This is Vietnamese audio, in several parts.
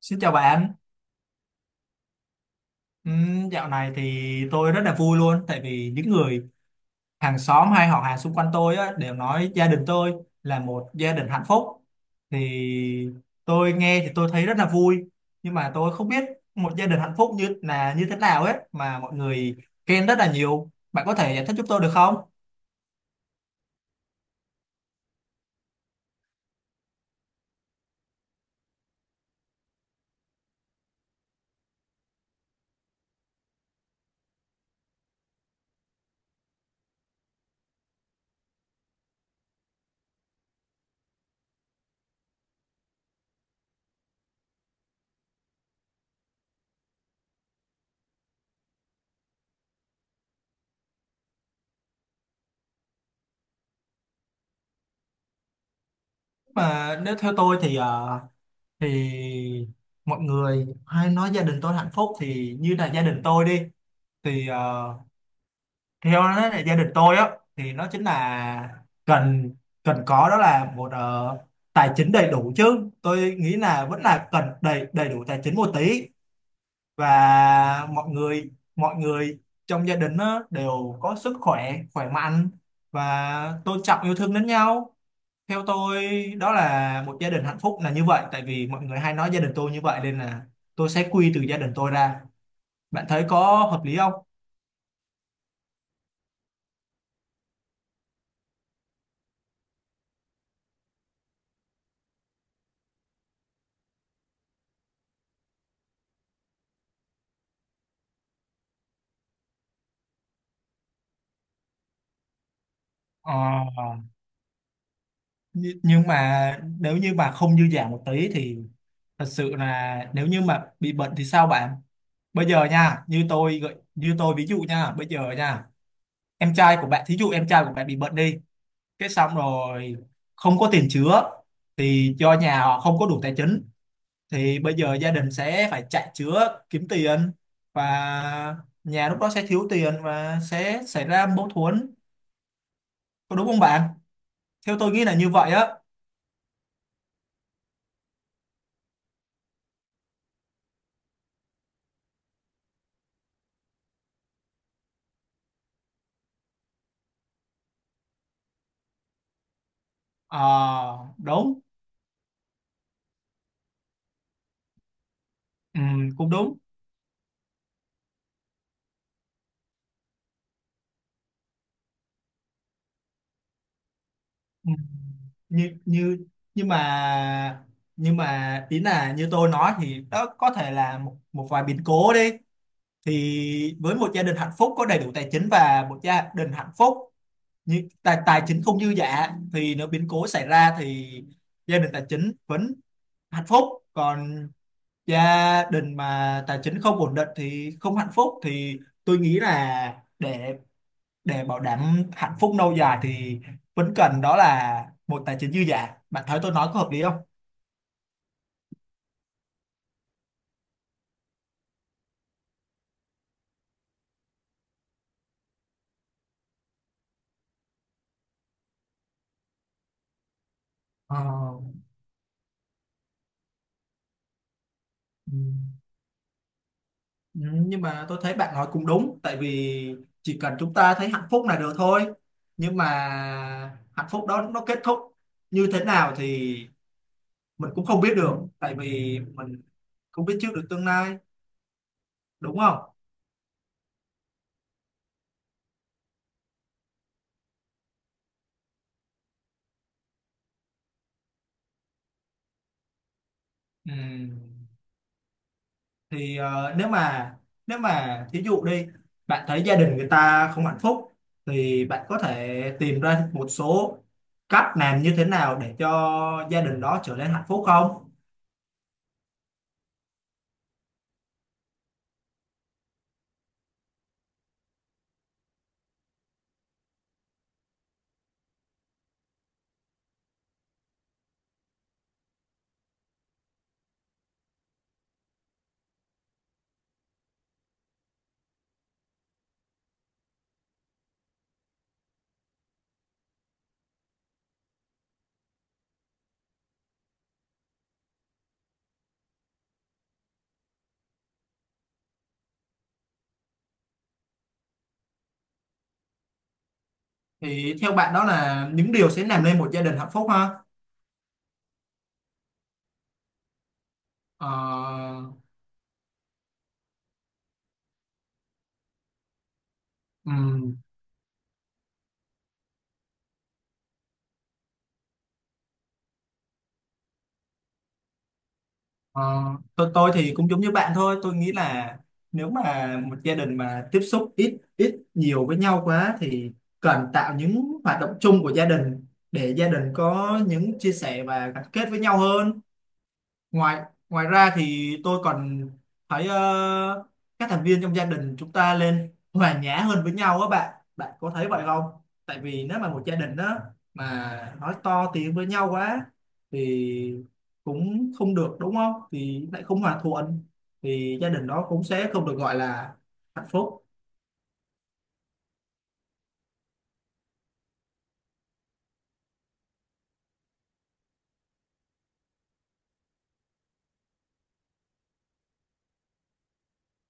Xin chào bạn. Dạo này thì tôi rất là vui luôn, tại vì những người hàng xóm hay họ hàng xung quanh tôi á, đều nói gia đình tôi là một gia đình hạnh phúc. Thì tôi nghe thì tôi thấy rất là vui, nhưng mà tôi không biết một gia đình hạnh phúc như là như thế nào ấy mà mọi người khen rất là nhiều. Bạn có thể giải thích giúp tôi được không? Mà nếu theo tôi thì thì mọi người hay nói gia đình tôi hạnh phúc, thì như là gia đình tôi đi, thì theo đó là gia đình tôi á, thì nó chính là cần cần có đó là một tài chính đầy đủ, chứ tôi nghĩ là vẫn là cần đầy đầy đủ tài chính một tí, và mọi người trong gia đình á, đều có sức khỏe khỏe mạnh và tôn trọng yêu thương lẫn nhau. Theo tôi đó là một gia đình hạnh phúc là như vậy, tại vì mọi người hay nói gia đình tôi như vậy, nên là tôi sẽ quy từ gia đình tôi ra. Bạn thấy có hợp lý không? Ờ, nhưng mà nếu như mà không dư dả một tí thì thật sự là nếu như mà bị bệnh thì sao bạn? Bây giờ nha, như tôi ví dụ nha, bây giờ nha, em trai của bạn, thí dụ em trai của bạn bị bệnh đi, cái xong rồi không có tiền chữa thì do nhà họ không có đủ tài chính, thì bây giờ gia đình sẽ phải chạy chữa kiếm tiền, và nhà lúc đó sẽ thiếu tiền và sẽ xảy ra mâu thuẫn. Có đúng không bạn? Theo tôi nghĩ là như vậy á. Ờ, đúng. Ừ, cũng đúng. Ừ. như như nhưng mà nhưng mà ý là như tôi nói, thì đó có thể là một vài biến cố đi, thì với một gia đình hạnh phúc có đầy đủ tài chính và một gia đình hạnh phúc như tài tài chính không dư dả, thì nếu biến cố xảy ra thì gia đình tài chính vẫn hạnh phúc, còn gia đình mà tài chính không ổn định thì không hạnh phúc, thì tôi nghĩ là để bảo đảm hạnh phúc lâu dài thì vẫn cần đó là một tài chính dư giả. Bạn thấy tôi nói có hợp lý không? Ờ. Ừ. Ừ, nhưng mà tôi thấy bạn nói cũng đúng, tại vì chỉ cần chúng ta thấy hạnh phúc là được thôi, nhưng mà hạnh phúc đó nó kết thúc như thế nào thì mình cũng không biết được, tại vì mình không biết trước được tương lai, đúng không? Ừ. Thì nếu mà thí dụ đi, bạn thấy gia đình người ta không hạnh phúc thì bạn có thể tìm ra một số cách làm như thế nào để cho gia đình đó trở nên hạnh phúc không? Thì theo bạn đó là những điều sẽ làm nên một gia đình hạnh phúc ha. Ờ, ừm, Ờ, tôi thì cũng giống như bạn thôi, tôi nghĩ là nếu mà một gia đình mà tiếp xúc ít ít nhiều với nhau quá thì cần tạo những hoạt động chung của gia đình để gia đình có những chia sẻ và gắn kết với nhau hơn. Ngoài ngoài ra thì tôi còn thấy các thành viên trong gia đình chúng ta lên hòa nhã hơn với nhau á. Bạn bạn có thấy vậy không? Tại vì nếu mà một gia đình đó mà nói to tiếng với nhau quá thì cũng không được, đúng không, thì lại không hòa thuận, thì gia đình đó cũng sẽ không được gọi là hạnh phúc.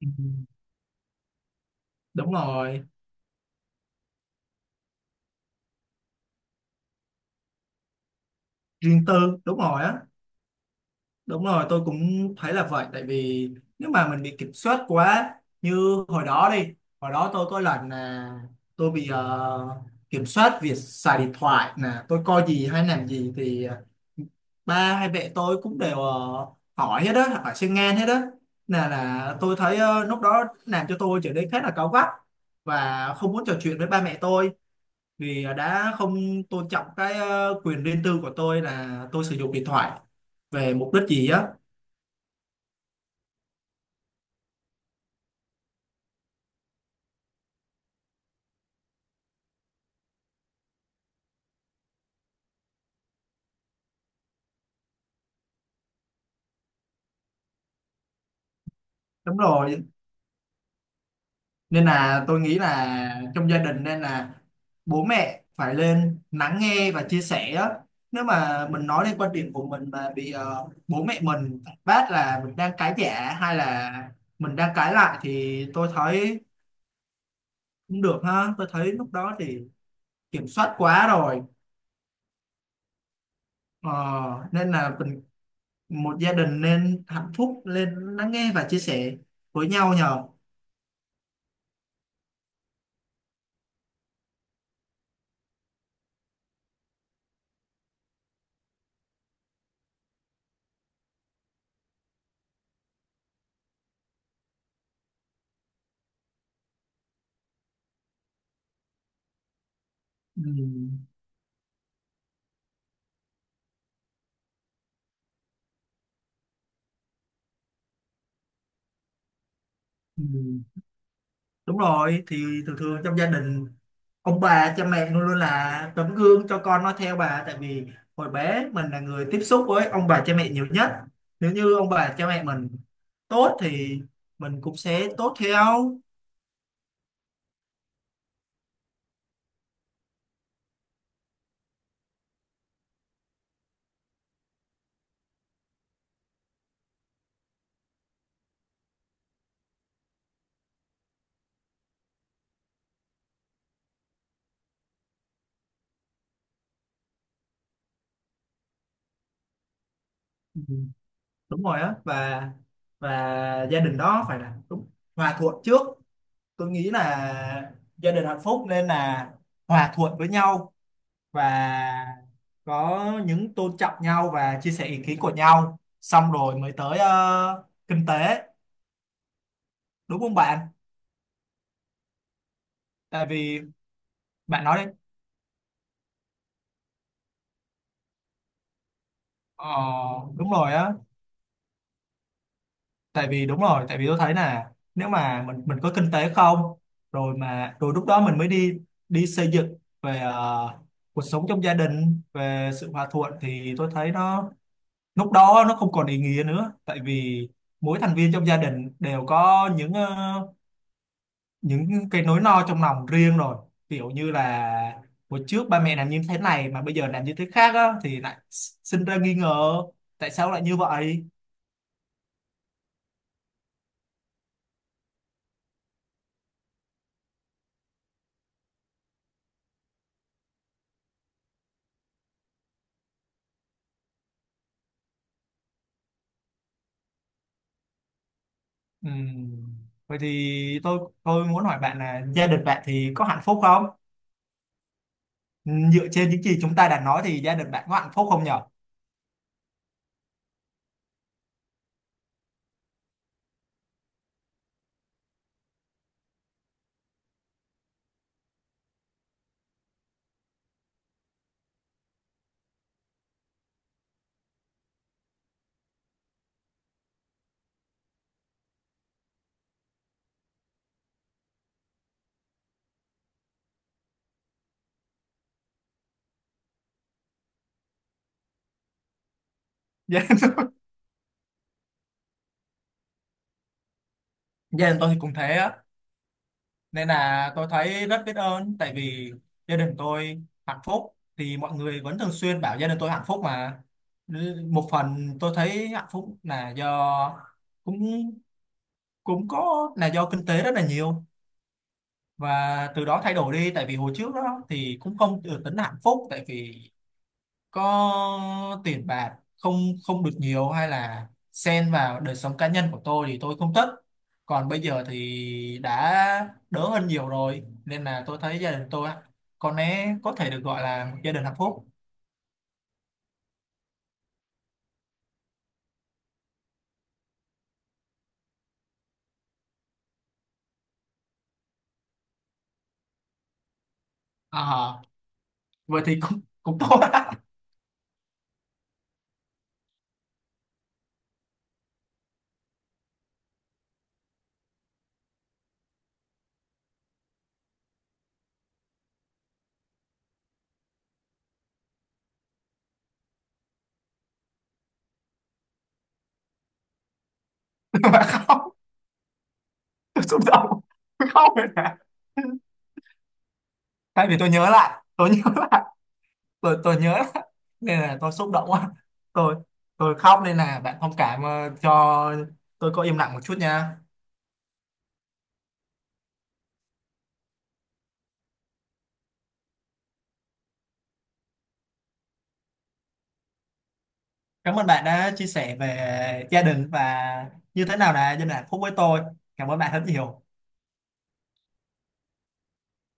Ừ, đúng rồi. Riêng tư. Đúng rồi á. Đúng rồi, tôi cũng thấy là vậy. Tại vì nếu mà mình bị kiểm soát quá, như hồi đó đi, hồi đó tôi có lần là tôi bị kiểm soát việc xài điện thoại nè, tôi coi gì hay làm gì thì ba hay mẹ tôi cũng đều hỏi hết đó, hỏi xuyên ngang hết đó. Là tôi thấy lúc đó làm cho tôi trở nên khá là cáu gắt và không muốn trò chuyện với ba mẹ tôi, vì đã không tôn trọng cái quyền riêng tư của tôi là tôi sử dụng điện thoại về mục đích gì á. Đúng rồi, nên là tôi nghĩ là trong gia đình nên là bố mẹ phải lên lắng nghe và chia sẻ á. Nếu mà mình nói lên quan điểm của mình mà bị bố mẹ mình phản bác là mình đang cãi giả hay là mình đang cãi lại, thì tôi thấy cũng được ha. Tôi thấy lúc đó thì kiểm soát quá rồi. Ờ, nên là mình một gia đình nên hạnh phúc lên lắng nghe và chia sẻ với nhau nhờ. Ừ. Ừ. Đúng rồi, thì thường thường trong gia đình ông bà cha mẹ luôn luôn là tấm gương cho con nó theo bà, tại vì hồi bé mình là người tiếp xúc với ông bà cha mẹ nhiều nhất. Nếu như ông bà cha mẹ mình tốt thì mình cũng sẽ tốt theo. Ừ, đúng rồi á, và gia đình đó phải là đúng hòa thuận trước. Tôi nghĩ là gia đình hạnh phúc nên là hòa thuận với nhau, và có những tôn trọng nhau và chia sẻ ý kiến của nhau, xong rồi mới tới kinh tế, đúng không bạn? Tại vì, bạn nói đi. Ờ, đúng rồi á. Tại vì đúng rồi, tại vì tôi thấy là nếu mà mình có kinh tế không, rồi mà rồi lúc đó mình mới đi đi xây dựng về cuộc sống trong gia đình về sự hòa thuận, thì tôi thấy nó lúc đó nó không còn ý nghĩa nữa, tại vì mỗi thành viên trong gia đình đều có những cái nỗi lo trong lòng riêng rồi, kiểu như là hồi trước ba mẹ làm như thế này mà bây giờ làm như thế khác á, thì lại sinh ra nghi ngờ tại sao lại như vậy. Ừm, vậy thì tôi muốn hỏi bạn là gia đình bạn thì có hạnh phúc không? Dựa trên những gì chúng ta đã nói thì gia đình bạn có hạnh phúc không nhở? Gia đình tôi thì cũng thế á, nên là tôi thấy rất biết ơn, tại vì gia đình tôi hạnh phúc thì mọi người vẫn thường xuyên bảo gia đình tôi hạnh phúc mà. Một phần tôi thấy hạnh phúc là do cũng cũng có là do kinh tế rất là nhiều, và từ đó thay đổi đi. Tại vì hồi trước đó thì cũng không được tính là hạnh phúc, tại vì có tiền bạc không, không được nhiều, hay là xen vào đời sống cá nhân của tôi thì tôi không thích. Còn bây giờ thì đã đỡ hơn nhiều rồi, nên là tôi thấy gia đình tôi á, có lẽ có thể được gọi là một gia đình hạnh phúc. À, vậy thì cũng cũng tốt á. Mà không, tôi xúc động, không rồi nè, tại vì tôi nhớ lại tôi nhớ lại tôi nhớ lại nên là tôi xúc động quá. Tôi tôi khóc, nên là bạn thông cảm cho tôi có im lặng một chút nha. Cảm ơn bạn đã chia sẻ về gia đình và như thế nào là gia đình hạnh phúc với tôi. Cảm ơn bạn rất nhiều.